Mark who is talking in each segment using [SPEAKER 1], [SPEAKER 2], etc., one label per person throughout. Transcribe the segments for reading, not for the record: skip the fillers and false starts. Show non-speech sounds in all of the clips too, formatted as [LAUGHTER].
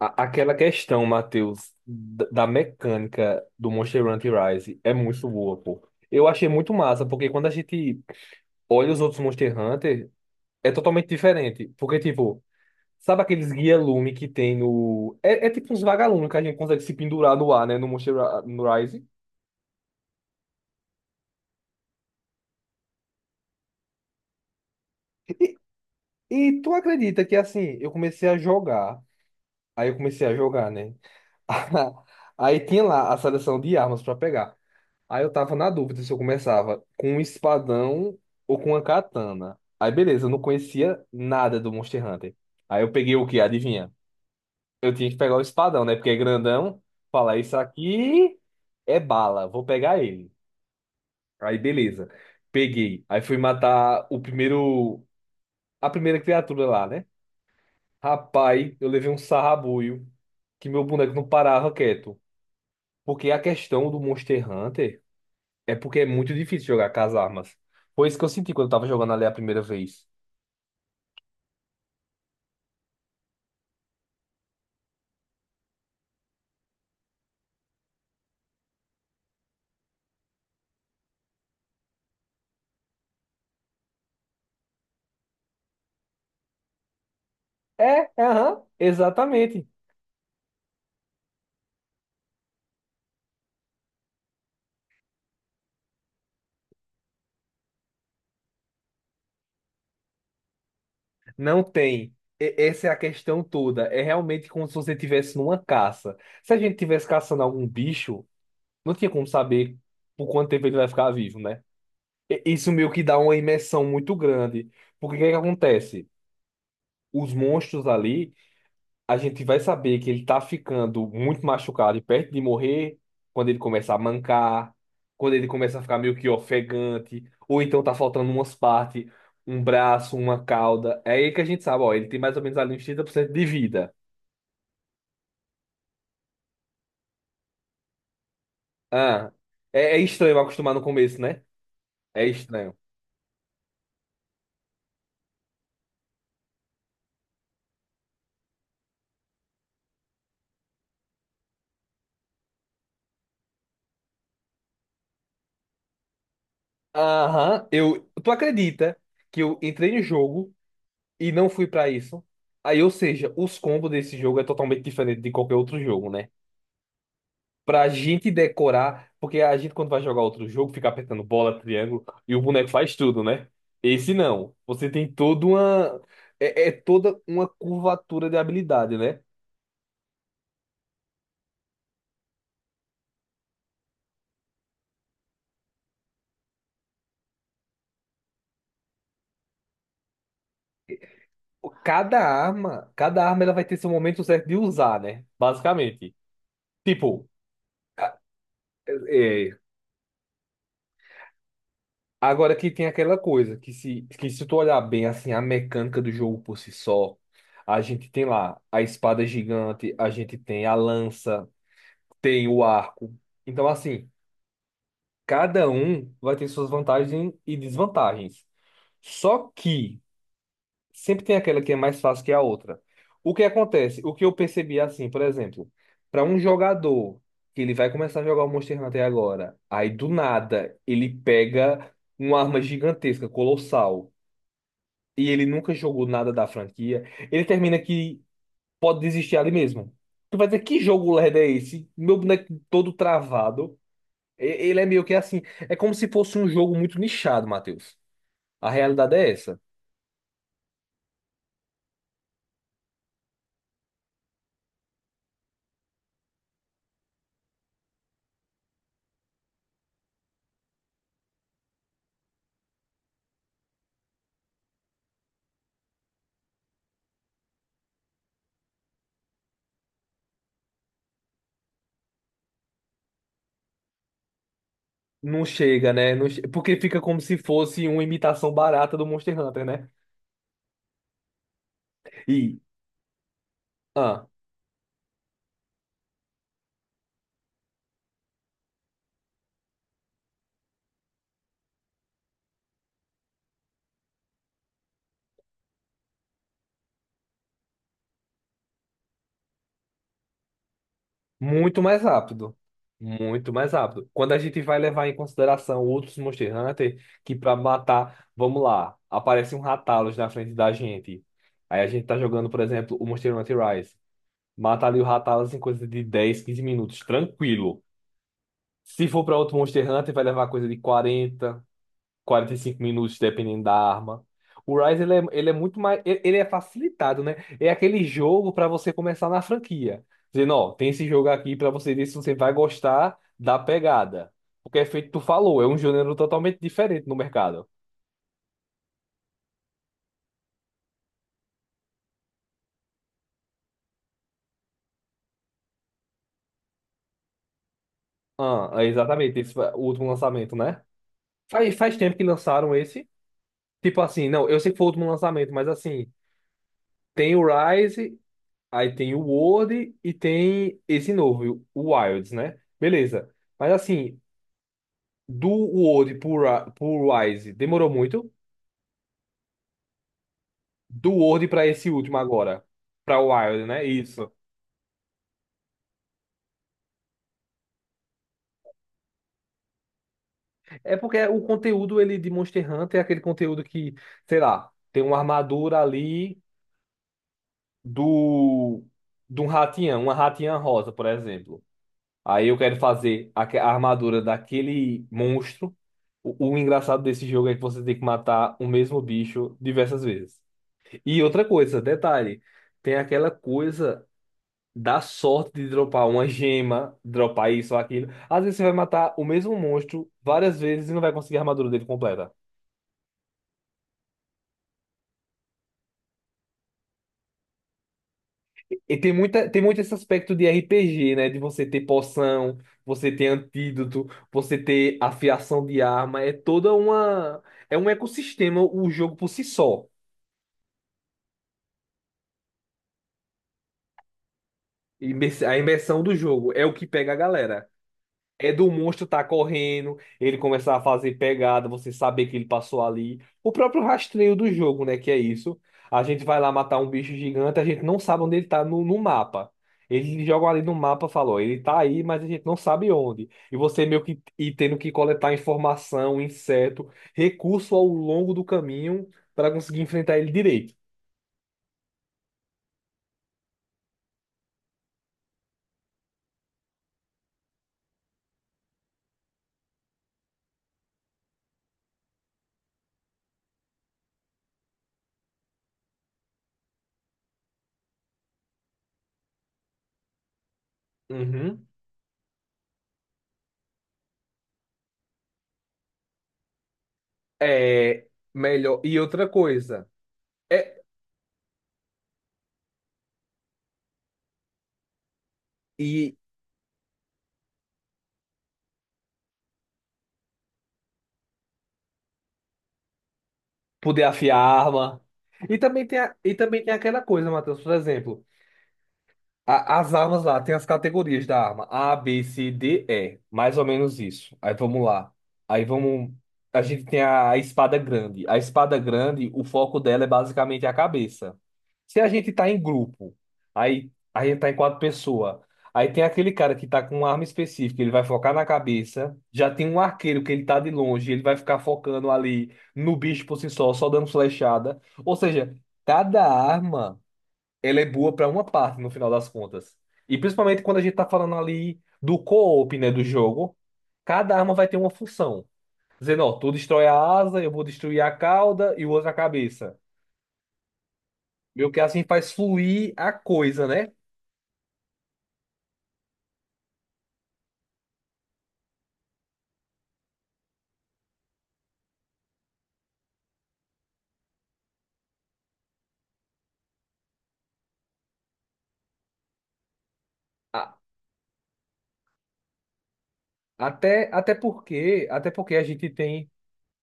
[SPEAKER 1] Aquela questão, Matheus, da mecânica do Monster Hunter Rise é muito boa, pô. Eu achei muito massa, porque quando a gente olha os outros Monster Hunter, é totalmente diferente. Porque, tipo, sabe aqueles guia-lume que tem no. É tipo uns vagalumes que a gente consegue se pendurar no ar, né, no no Rise. E, e tu acredita que, assim, eu comecei a jogar. Aí eu comecei a jogar, né? [LAUGHS] Aí tinha lá a seleção de armas pra pegar. Aí eu tava na dúvida se eu começava com um espadão ou com uma katana. Aí beleza, eu não conhecia nada do Monster Hunter. Aí eu peguei o quê? Adivinha? Eu tinha que pegar o espadão, né? Porque é grandão. Falar, isso aqui é bala, vou pegar ele. Aí beleza, peguei. Aí fui matar a primeira criatura lá, né? Rapaz, eu levei um sarrabulho que meu boneco não parava quieto. Porque a questão do Monster Hunter. É porque é muito difícil jogar com as armas. Foi isso que eu senti quando eu tava jogando ali a primeira vez. É, aham, exatamente. Não tem. Essa é a questão toda. É realmente como se você estivesse numa caça. Se a gente estivesse caçando algum bicho, não tinha como saber por quanto tempo ele vai ficar vivo, né? Isso meio que dá uma imersão muito grande. Porque o que é que acontece? Os monstros ali, a gente vai saber que ele tá ficando muito machucado e perto de morrer quando ele começa a mancar, quando ele começa a ficar meio que ofegante, ou então tá faltando umas partes, um braço, uma cauda. É aí que a gente sabe, ó, ele tem mais ou menos ali uns 30% de vida. Ah, é, é estranho acostumar no começo, né? É estranho. Aham, tu acredita que eu entrei no jogo e não fui pra isso? Aí, ou seja, os combos desse jogo é totalmente diferente de qualquer outro jogo, né? Pra gente decorar, porque a gente quando vai jogar outro jogo fica apertando bola, triângulo e o boneco faz tudo, né? Esse não. Você tem toda uma é toda uma curvatura de habilidade, né? Cada arma ela vai ter seu momento certo de usar, né? Basicamente. Tipo, a- é, agora que tem aquela coisa que se tu olhar bem assim a mecânica do jogo por si só, a gente tem lá a espada gigante, a gente tem a lança, tem o arco. Então, assim, cada um vai ter suas vantagens e desvantagens. Só que sempre tem aquela que é mais fácil que a outra. O que acontece? O que eu percebi é assim, por exemplo, para um jogador que ele vai começar a jogar o Monster Hunter agora, aí do nada ele pega uma arma gigantesca, colossal, e ele nunca jogou nada da franquia, ele termina que pode desistir ali mesmo. Tu vai dizer, que jogo lerdo é esse? Meu boneco todo travado. Ele é meio que assim. É como se fosse um jogo muito nichado, Matheus. A realidade é essa. Não chega, né? Não che- Porque fica como se fosse uma imitação barata do Monster Hunter, né? E, ah, muito mais rápido. Muito mais rápido. Quando a gente vai levar em consideração outros Monster Hunter, que pra matar, vamos lá, aparece um Rathalos na frente da gente. Aí a gente tá jogando, por exemplo, o Monster Hunter Rise. Mata ali o Rathalos em coisa de 10, 15 minutos, tranquilo. Se for pra outro Monster Hunter, vai levar coisa de 40, 45 minutos, dependendo da arma. O Rise, ele é muito mais. Ele é facilitado, né? É aquele jogo pra você começar na franquia. Dizendo, ó, tem esse jogo aqui pra você ver se você vai gostar da pegada. Porque é feito, tu falou, é um gênero totalmente diferente no mercado. Ah, é exatamente, esse foi o último lançamento, né? Faz tempo que lançaram esse. Tipo assim, não, eu sei que foi o último lançamento, mas assim, tem o Rise. Aí tem o Word e tem esse novo, o Wilds, né? Beleza. Mas assim, do Word pro Wise demorou muito. Do Word para esse último agora, para o Wild, né? Isso. É porque o conteúdo ele de Monster Hunter é aquele conteúdo que, sei lá, tem uma armadura ali do de um ratiã, uma ratinha rosa, por exemplo. Aí eu quero fazer a armadura daquele monstro. O engraçado desse jogo é que você tem que matar o mesmo bicho diversas vezes. E outra coisa, detalhe, tem aquela coisa da sorte de dropar uma gema, dropar isso ou aquilo. Às vezes você vai matar o mesmo monstro várias vezes e não vai conseguir a armadura dele completa. Tem muito esse aspecto de RPG, né? De você ter poção, você ter antídoto, você ter afiação de arma. É toda uma. É um ecossistema o jogo por si só. A imersão do jogo é o que pega a galera. É do monstro tá correndo, ele começar a fazer pegada, você saber que ele passou ali. O próprio rastreio do jogo, né? Que é isso. A gente vai lá matar um bicho gigante, a gente não sabe onde ele tá no mapa. Eles jogam ali no mapa, falou, ele tá aí, mas a gente não sabe onde. E você meio que e tendo que coletar informação, inseto, recurso ao longo do caminho para conseguir enfrentar ele direito. Uhum. É melhor. E outra coisa. É, e poder afiar a arma. E também tem, e também tem aquela coisa, Matheus, por exemplo. As armas lá, tem as categorias da arma. A, B, C, D, E. Mais ou menos isso. Aí vamos lá. Aí vamos. A gente tem a espada grande. A espada grande, o foco dela é basicamente a cabeça. Se a gente tá em grupo, aí a gente tá em 4 pessoas. Aí tem aquele cara que tá com uma arma específica, ele vai focar na cabeça. Já tem um arqueiro que ele tá de longe, ele vai ficar focando ali no bicho por si só, só dando flechada. Ou seja, cada arma ela é boa para uma parte no final das contas. E principalmente quando a gente tá falando ali do co-op, né, do jogo, cada arma vai ter uma função. Dizendo, ó, tu destrói a asa, eu vou destruir a cauda e o outro a cabeça. Meio que assim faz fluir a coisa, né? A- Até, até porque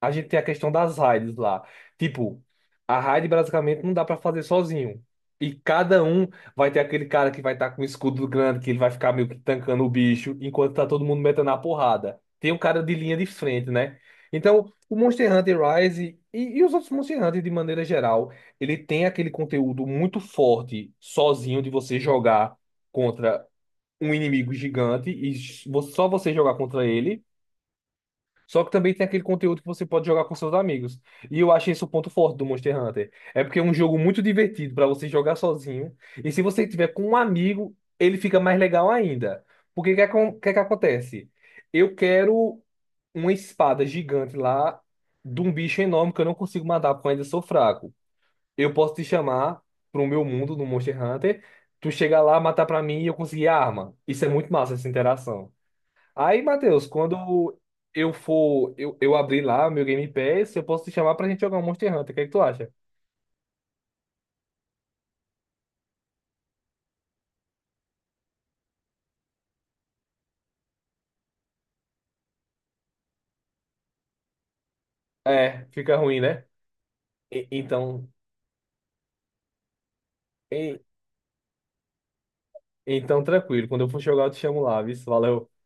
[SPEAKER 1] a gente tem a questão das raids lá. Tipo, a raid basicamente não dá pra fazer sozinho. E cada um vai ter aquele cara que vai estar com o escudo grande, que ele vai ficar meio que tancando o bicho, enquanto tá todo mundo metendo a porrada. Tem um cara de linha de frente, né? Então, o Monster Hunter Rise e os outros Monster Hunter, de maneira geral, ele tem aquele conteúdo muito forte sozinho de você jogar contra um inimigo gigante e só você jogar contra ele. Só que também tem aquele conteúdo que você pode jogar com seus amigos. E eu acho isso o ponto forte do Monster Hunter. É porque é um jogo muito divertido para você jogar sozinho. E se você tiver com um amigo, ele fica mais legal ainda. Porque o que, que acontece? Eu quero uma espada gigante lá de um bicho enorme que eu não consigo matar porque eu ainda sou fraco. Eu posso te chamar pro meu mundo no Monster Hunter. Tu chegar lá, matar pra mim e eu conseguir a arma. Isso é muito massa, essa interação. Aí, Matheus, quando eu for, eu abrir lá meu Game Pass, eu posso te chamar pra gente jogar um Monster Hunter. O que é que tu acha? É, fica ruim, né? E- então, e- então tranquilo. Quando eu for jogar, eu te chamo lá, viu? Valeu.